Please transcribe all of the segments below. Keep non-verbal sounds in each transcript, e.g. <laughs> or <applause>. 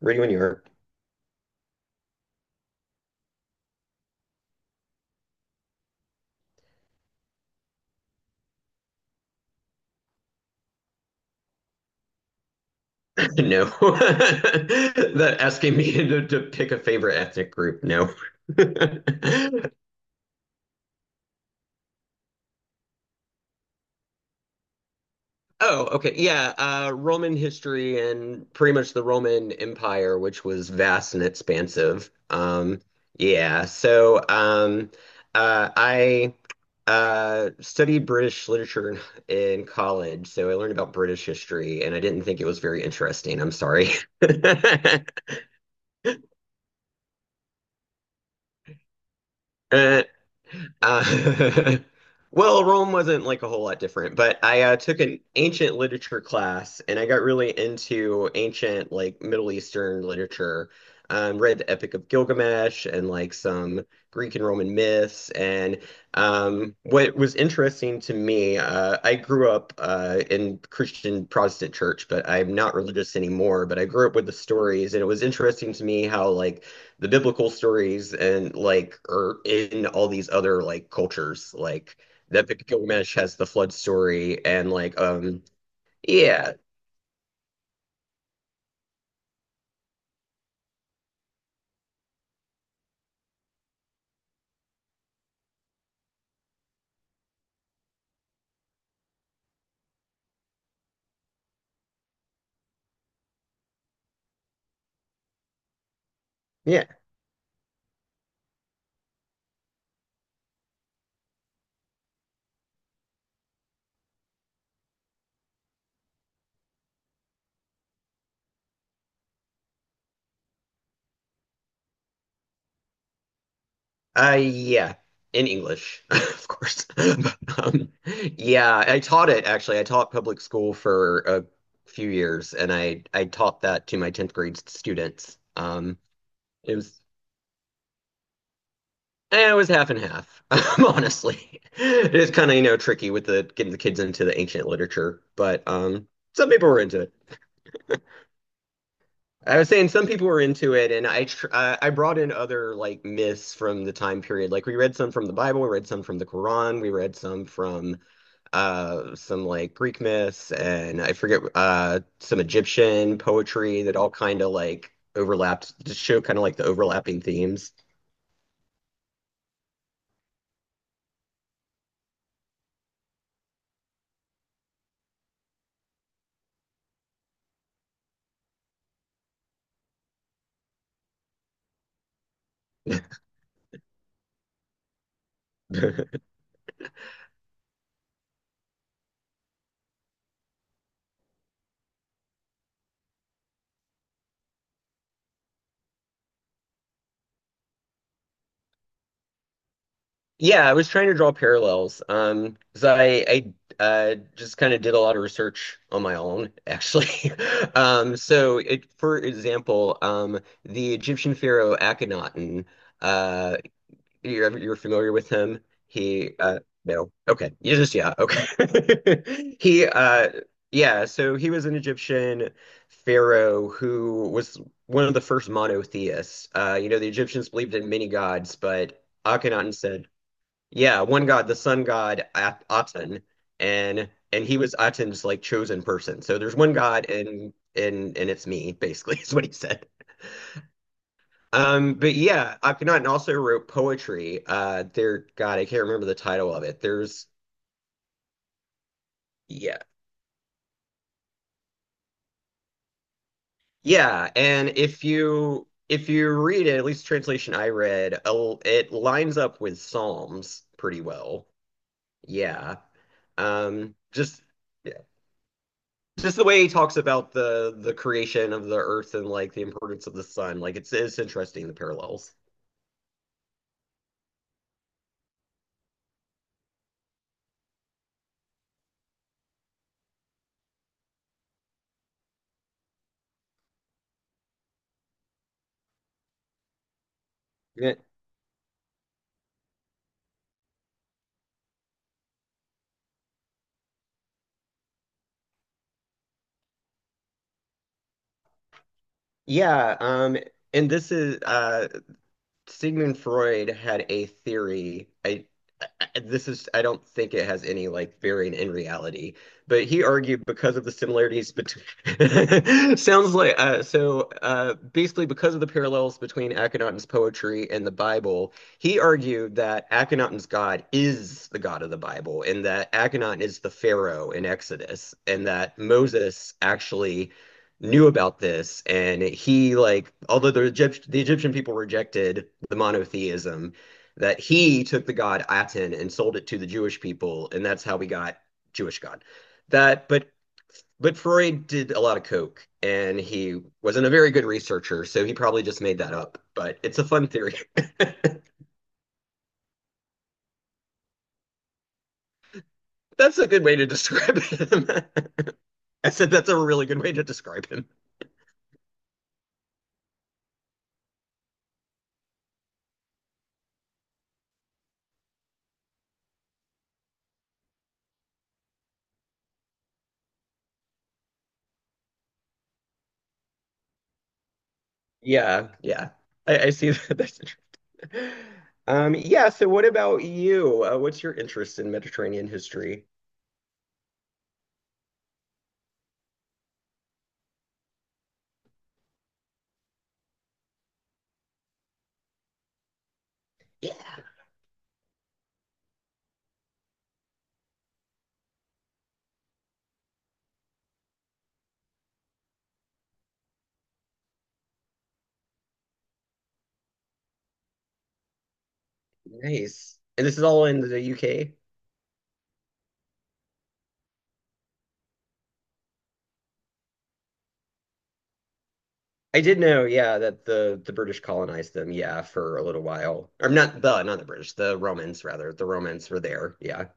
Were you in Europe? <laughs> No. <laughs> That asking me to pick a favorite ethnic group. No. <laughs> Oh, okay. Yeah. Roman history and pretty much the Roman Empire, which was vast and expansive. Yeah. So I Studied British literature in college. So I learned about British history and I didn't think it was very interesting. I'm sorry. <laughs> Uh, Uh, <laughs> Rome wasn't like a whole lot different, but I took an ancient literature class and I got really into ancient, like Middle Eastern literature. Read the Epic of Gilgamesh and like some Greek and Roman myths. And what was interesting to me, I grew up in Christian Protestant church, but I'm not religious anymore. But I grew up with the stories, and it was interesting to me how like the biblical stories and like are in all these other like cultures. Like the Epic of Gilgamesh has the flood story and yeah, yeah. Yeah. In English, <laughs> of course. <laughs> But, yeah, I taught it actually. I taught public school for a few years and I taught that to my 10th grade students. It was it was half and half, <laughs> honestly. It is kind of, you know, tricky with the getting the kids into the ancient literature, but some people were into it. I was saying some people were into it, and I brought in other like myths from the time period. Like we read some from the Bible, we read some from the Quran, we read some from some like Greek myths, and I forget some Egyptian poetry that all kind of like overlapped to show kind of like the overlapping themes. Yeah, I was trying to draw parallels. 'Cause I just kind of did a lot of research on my own, actually. <laughs> So it, for example, the Egyptian pharaoh Akhenaten, uh, you're familiar with him? He No. Okay. You just yeah, okay. <laughs> He Yeah, so he was an Egyptian pharaoh who was one of the first monotheists. You know, the Egyptians believed in many gods, but Akhenaten said yeah, one god, the sun god At Aten, and he was Aten's like chosen person. So there's one god, and it's me, basically, <laughs> is what he said. But yeah, Akhenaten also wrote poetry. There, God, I can't remember the title of it. There's Yeah, yeah, and if you read it, at least the translation I read, it lines up with Psalms pretty well. Yeah, um, just. Just the way he talks about the creation of the earth and like the importance of the sun like it's interesting the parallels yeah, yeah and this is Sigmund Freud had a theory I This is I don't think it has any like bearing in reality, but he argued because of the similarities between <laughs> sounds like basically because of the parallels between Akhenaten's poetry and the Bible, he argued that Akhenaten's God is the God of the Bible, and that Akhenaten is the Pharaoh in Exodus, and that Moses actually knew about this, and he like although the Egyptian people rejected the monotheism that he took the god Aten and sold it to the Jewish people, and that's how we got Jewish God. That, But Freud did a lot of coke, and he wasn't a very good researcher, so he probably just made that up. But it's a fun theory. <laughs> That's a good way to describe him. <laughs> I said that's a really good way to describe him. Yeah, yeah, I see that. <laughs> That's interesting. Yeah. So, what about you? What's your interest in Mediterranean history? Yeah, nice. And this is all in the UK. I did know, yeah, that the British colonized them, yeah, for a little while. Or not the British, the Romans rather. The Romans were there, yeah.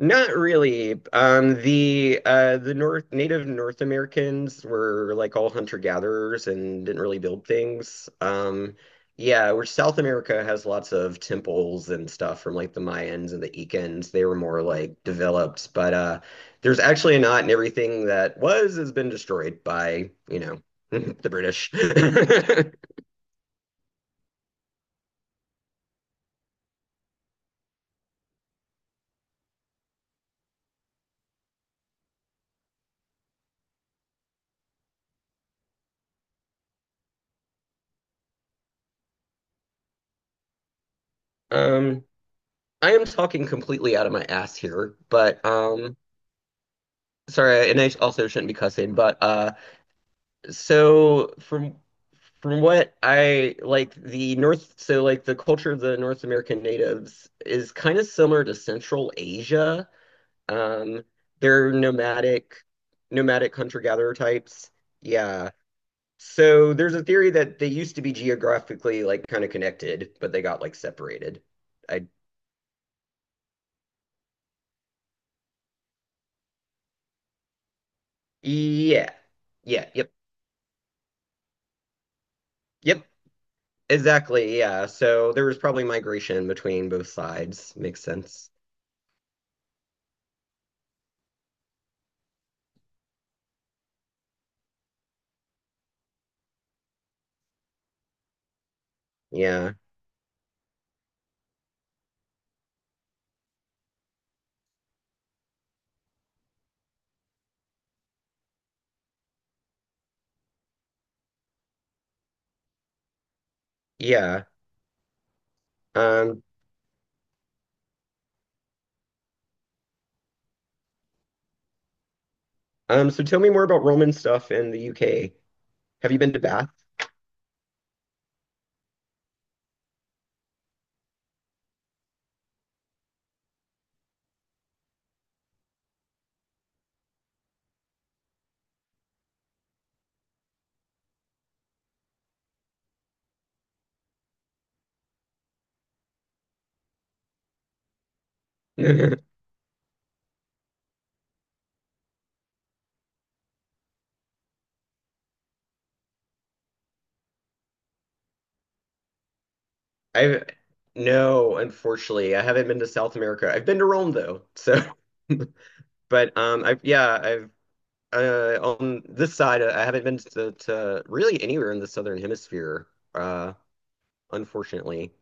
Not really. The North Native North Americans were like all hunter-gatherers and didn't really build things. Yeah, where South America has lots of temples and stuff from like the Mayans and the Incans. They were more like developed, but there's actually not, and everything that was has been destroyed by, you know, <laughs> the British. <laughs> Um, I am talking completely out of my ass here, but sorry, and I also shouldn't be cussing, but So from what I like the North, so like the culture of the North American natives is kind of similar to Central Asia. Um, they're nomadic hunter-gatherer types. Yeah. So there's a theory that they used to be geographically like kind of connected, but they got like separated. I Yeah. Yeah, yep. Yep. Exactly. Yeah. So there was probably migration between both sides. Makes sense. Yeah. Yeah. Um, so tell me more about Roman stuff in the UK. Have you been to Bath? <laughs> I've No, unfortunately, I haven't been to South America. I've been to Rome though. So, <laughs> but I've yeah, I've on this side, I haven't been to really anywhere in the Southern Hemisphere. Uh, Unfortunately.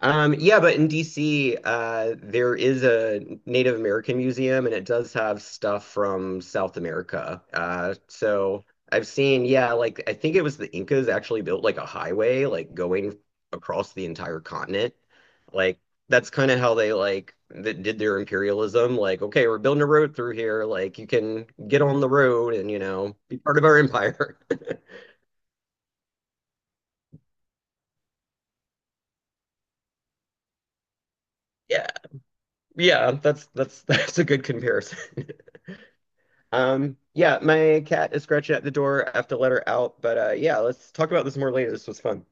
Yeah, but in DC, there is a Native American museum, and it does have stuff from South America. So I've seen, yeah, like I think it was the Incas actually built like a highway, like going across the entire continent. Like that's kind of how they like that did their imperialism. Like, okay, we're building a road through here. Like you can get on the road and you know be part of our empire. <laughs> Yeah, yeah, that's <laughs> that's a good comparison. Yeah, my cat is scratching at the door. I have to let her out. But yeah, let's talk about this more later. This was fun.